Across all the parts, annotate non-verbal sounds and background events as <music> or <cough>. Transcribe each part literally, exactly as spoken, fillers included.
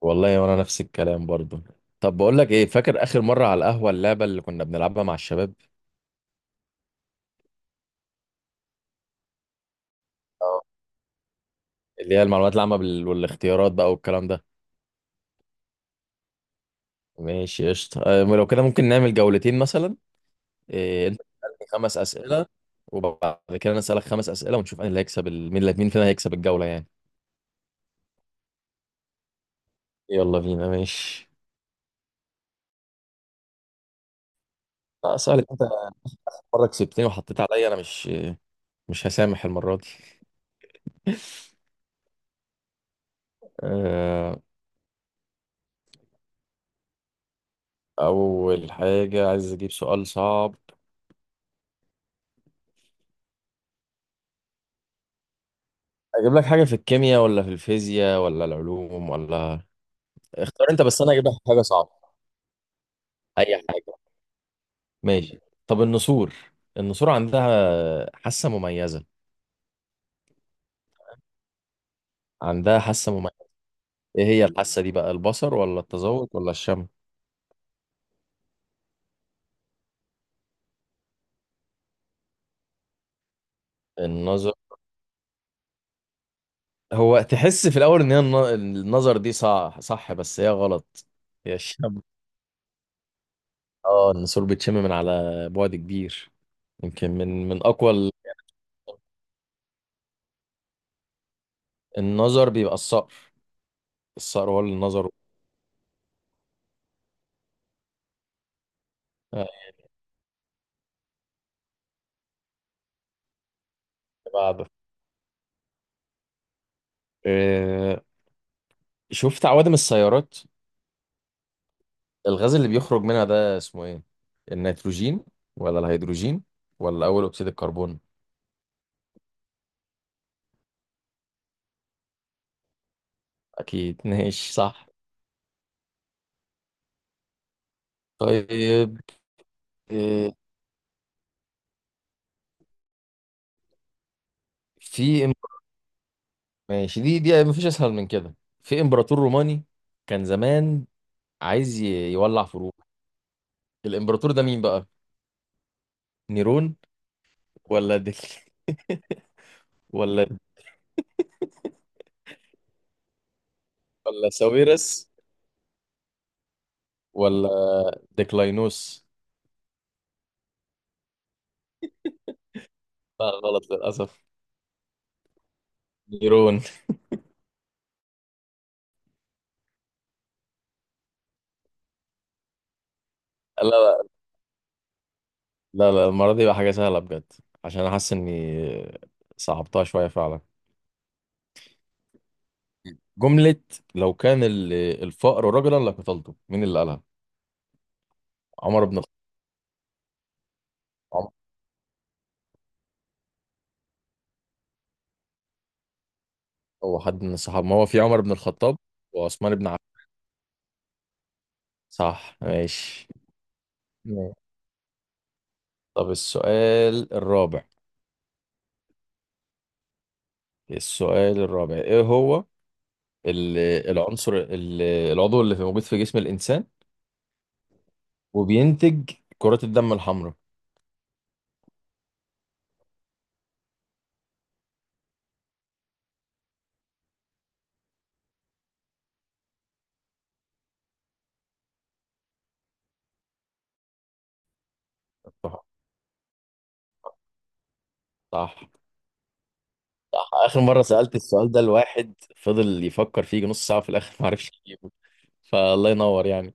والله وانا نفس الكلام برضو. طب بقول لك ايه، فاكر اخر مره على القهوه اللعبه اللي كنا بنلعبها مع الشباب؟ اه، اللي هي المعلومات العامه بال- والاختيارات بقى والكلام ده. ماشي قشطه، آه، لو كده ممكن نعمل جولتين مثلا. إيه، انت تسالني خمس اسئله وبعد كده انا اسالك خمس اسئله ونشوف مين اللي هيكسب ال- مين اللي مين فينا هيكسب الجوله يعني. يلا بينا ماشي. لا، اسالك انت. مره كسبتني وحطيت عليا، انا مش مش هسامح المره دي. <laughs> آه، اول حاجه عايز اجيب سؤال صعب. اجيب لك حاجه في الكيمياء ولا في الفيزياء ولا العلوم ولا؟ اختار انت بس انا اجيب لك حاجه صعبه. اي حاجه. ماشي. طب، النسور، النسور عندها حاسه مميزه، عندها حاسه مميزه. ايه هي الحاسه دي بقى، البصر ولا التذوق ولا الشم؟ النظر. هو تحس في الاول ان هي الن- النظر دي صح صح بس هي غلط. هي الشم. اه، النسور بتشم من على بعد كبير. يمكن من من اقوى ال- النظر بيبقى الصقر. الصقر هو اللي النظر. آه، بعد. آه، شفت عوادم السيارات؟ الغاز اللي بيخرج منها ده اسمه ايه، النيتروجين ولا الهيدروجين ولا اول اكسيد الكربون؟ اكيد. <laughs> ماشي صح. طيب، آه، في إم- ماشي، دي دي مفيش اسهل من كده. في امبراطور روماني كان زمان عايز ي- يولع فروع. الامبراطور ده مين بقى، نيرون ولا ديك <laughs> ولا ولا ساويرس ولا ديكلاينوس؟ لا غلط للاسف. نيرون. لا، لا، لا، المرة دي بقى حاجة سهلة بجد عشان أنا حاسس إني صعبتها شوية فعلا. جملة "لو كان ال- الفقر رجلا لقتلته"، مين اللي قالها؟ عمر بن الخطاب. عمر- هو حد من الصحابة، ما هو في عمر بن الخطاب وعثمان بن عفان. صح ماشي. ماشي. طب السؤال الرابع. السؤال الرابع إيه هو؟ ال- العنصر ال- العضو اللي في- موجود في جسم الإنسان وبينتج كرات الدم الحمراء. صح صح. اخر مره سالت السؤال ده لواحد فضل يفكر فيه نص ساعه، في الاخر <laughs> ما عرفش يجيبه. فالله ينور يعني.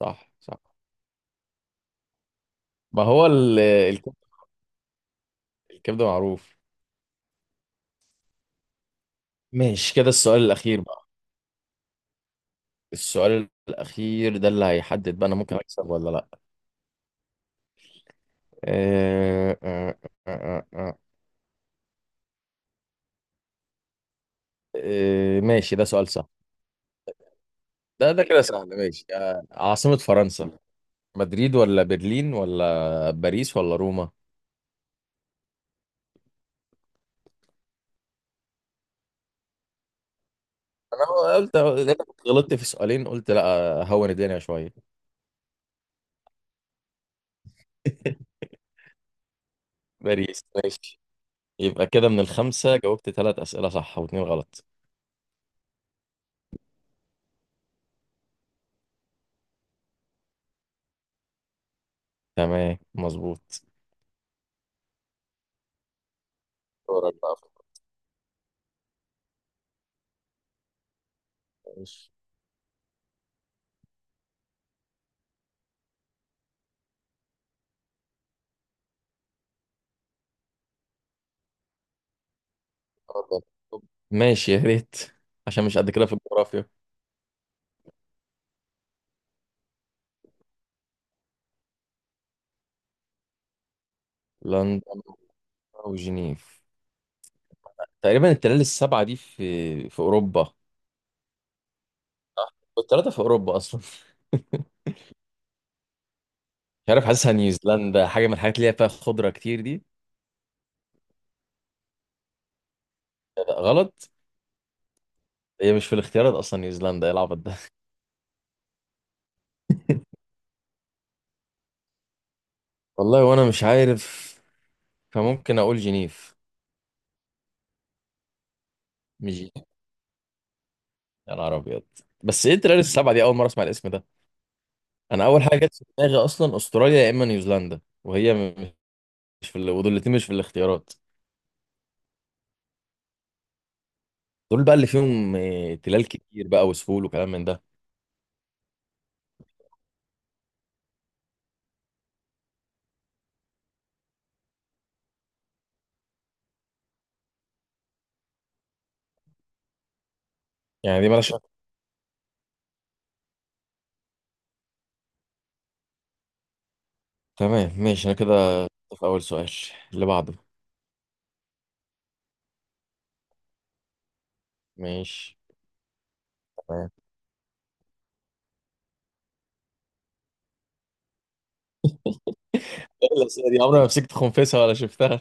صح صح. ما هو ال- الكبده، الكبده معروف. ماشي كده، السؤال الاخير بقى. السؤال الاخير ده اللي هيحدد بقى انا ممكن اكسب ولا لا. آه آه آه آه آه آه. آه، ماشي، ده سؤال سهل. ده ده كده سهل ماشي، آه عاصمه فرنسا، مدريد ولا برلين ولا باريس ولا روما؟ انا قلت، غلطت في سؤالين قلت لا هون الدنيا شويه. <laughs> باريس ماشي. يبقى كده من الخمسة جاوبت ثلاث أسئلة صح واتنين غلط. تمام مظبوط. دورك بقى في الجغرافيا. اتفضل. ماشي يا ريت، عشان مش قد كده في الجغرافيا. لندن وجنيف. تقريبا التلال السبعة دي في في أوروبا، والتلاتة في أوروبا أصلا. <laughs> مش عارف، حاسسها نيوزيلندا، حاجة من الحاجات اللي هي فيها خضرة كتير دي. لا، غلط. هي مش في الاختيارات أصلا نيوزيلندا، ايه العبط ده. والله وأنا مش عارف، فممكن أقول جنيف. مش، يا نهار ابيض. بس ايه التريال السبعه دي، اول مره اسمع الاسم ده. انا اول حاجه جت في دماغي اصلا استراليا يا اما نيوزيلندا، وهي م- مش في ال... ودول الاتنين مش في الاختيارات. دول بقى اللي فيهم آه، تلال كتير بقى وسهول وكلام من ده. يعني دي مالهاش. تمام ماشي، انا كده في اول سؤال. اللي بعده. ماشي. تمام. إيه الأسئلة دي، عمري ما مسكت خنفسة ولا شفتها.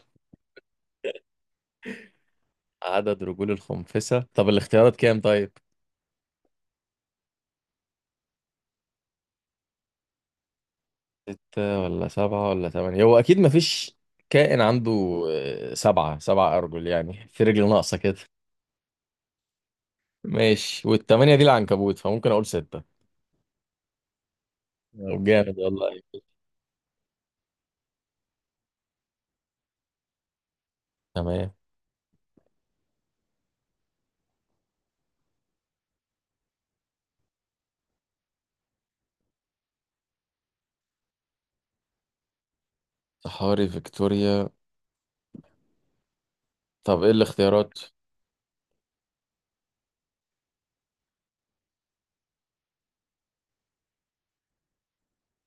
عدد رجول الخنفسة، طب الاختيارات كام طيب؟ ستة ولا سبعة ولا تمانية. هو أكيد مفيش كائن عنده آه، سبعة سبعة أرجل يعني في رجل ناقصة كده. ماشي، والتمانية دي العنكبوت، فممكن أقول ستة. يلا طب جامد والله أيوة. تمام. صحاري فيكتوريا. طب إيه الاختيارات؟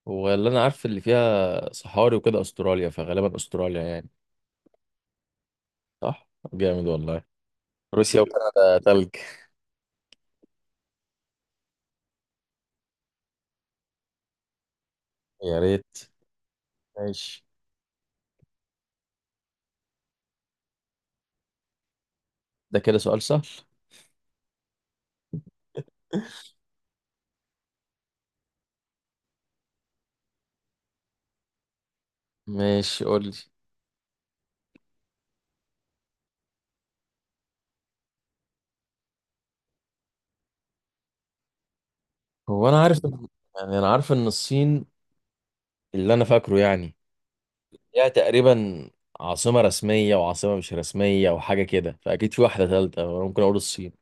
هو اللي أنا عارف اللي فيها صحاري وكده أستراليا، فغالبا أستراليا يعني. صح؟ طب جامد والله. روسيا وكندا تلج. يا ريت. ماشي، ده كده سؤال سهل. ماشي قول لي. هو أنا عارف، يعني أنا عارف إن الصين، اللي أنا فاكره يعني، ليها تقريبا عاصمة رسمية وعاصمة مش رسمية وحاجة كده، فأكيد في واحدة تالتة. ممكن أقول الصين.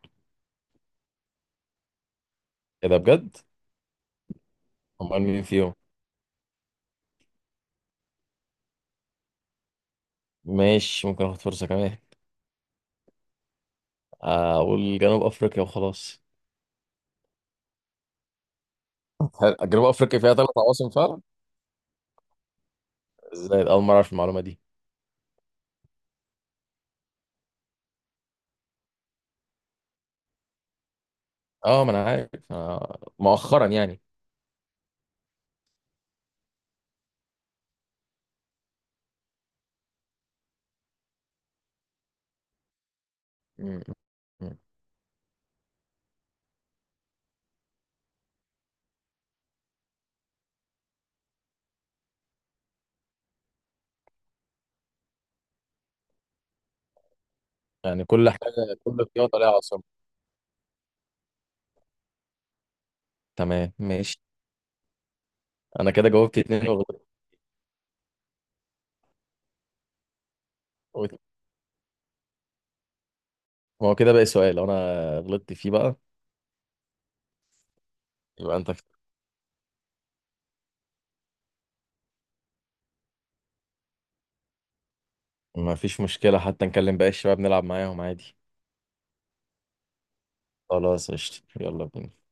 ايه ده بجد؟ امال مين فيهم؟ ماشي، ممكن اخد فرصه كمان. اقول جنوب افريقيا وخلاص. هل- جنوب افريقيا فيها ثلاث عواصم فعلا؟ ازاي، اول مره اعرف المعلومه دي. اه، ما انا عارف، آه، مؤخرا يعني. مم. مم. يعني كل حاجه، كل رياضه ليها عاصمه. تمام ماشي، انا كده جاوبت اتنين وغلطت. وت- ما هو كده باقي سؤال لو انا غلطت فيه بقى، يبقى انت. ما فيش مشكله، حتى نكلم باقي الشباب نلعب معاهم عادي. خلاص قشطة، يلا بينا.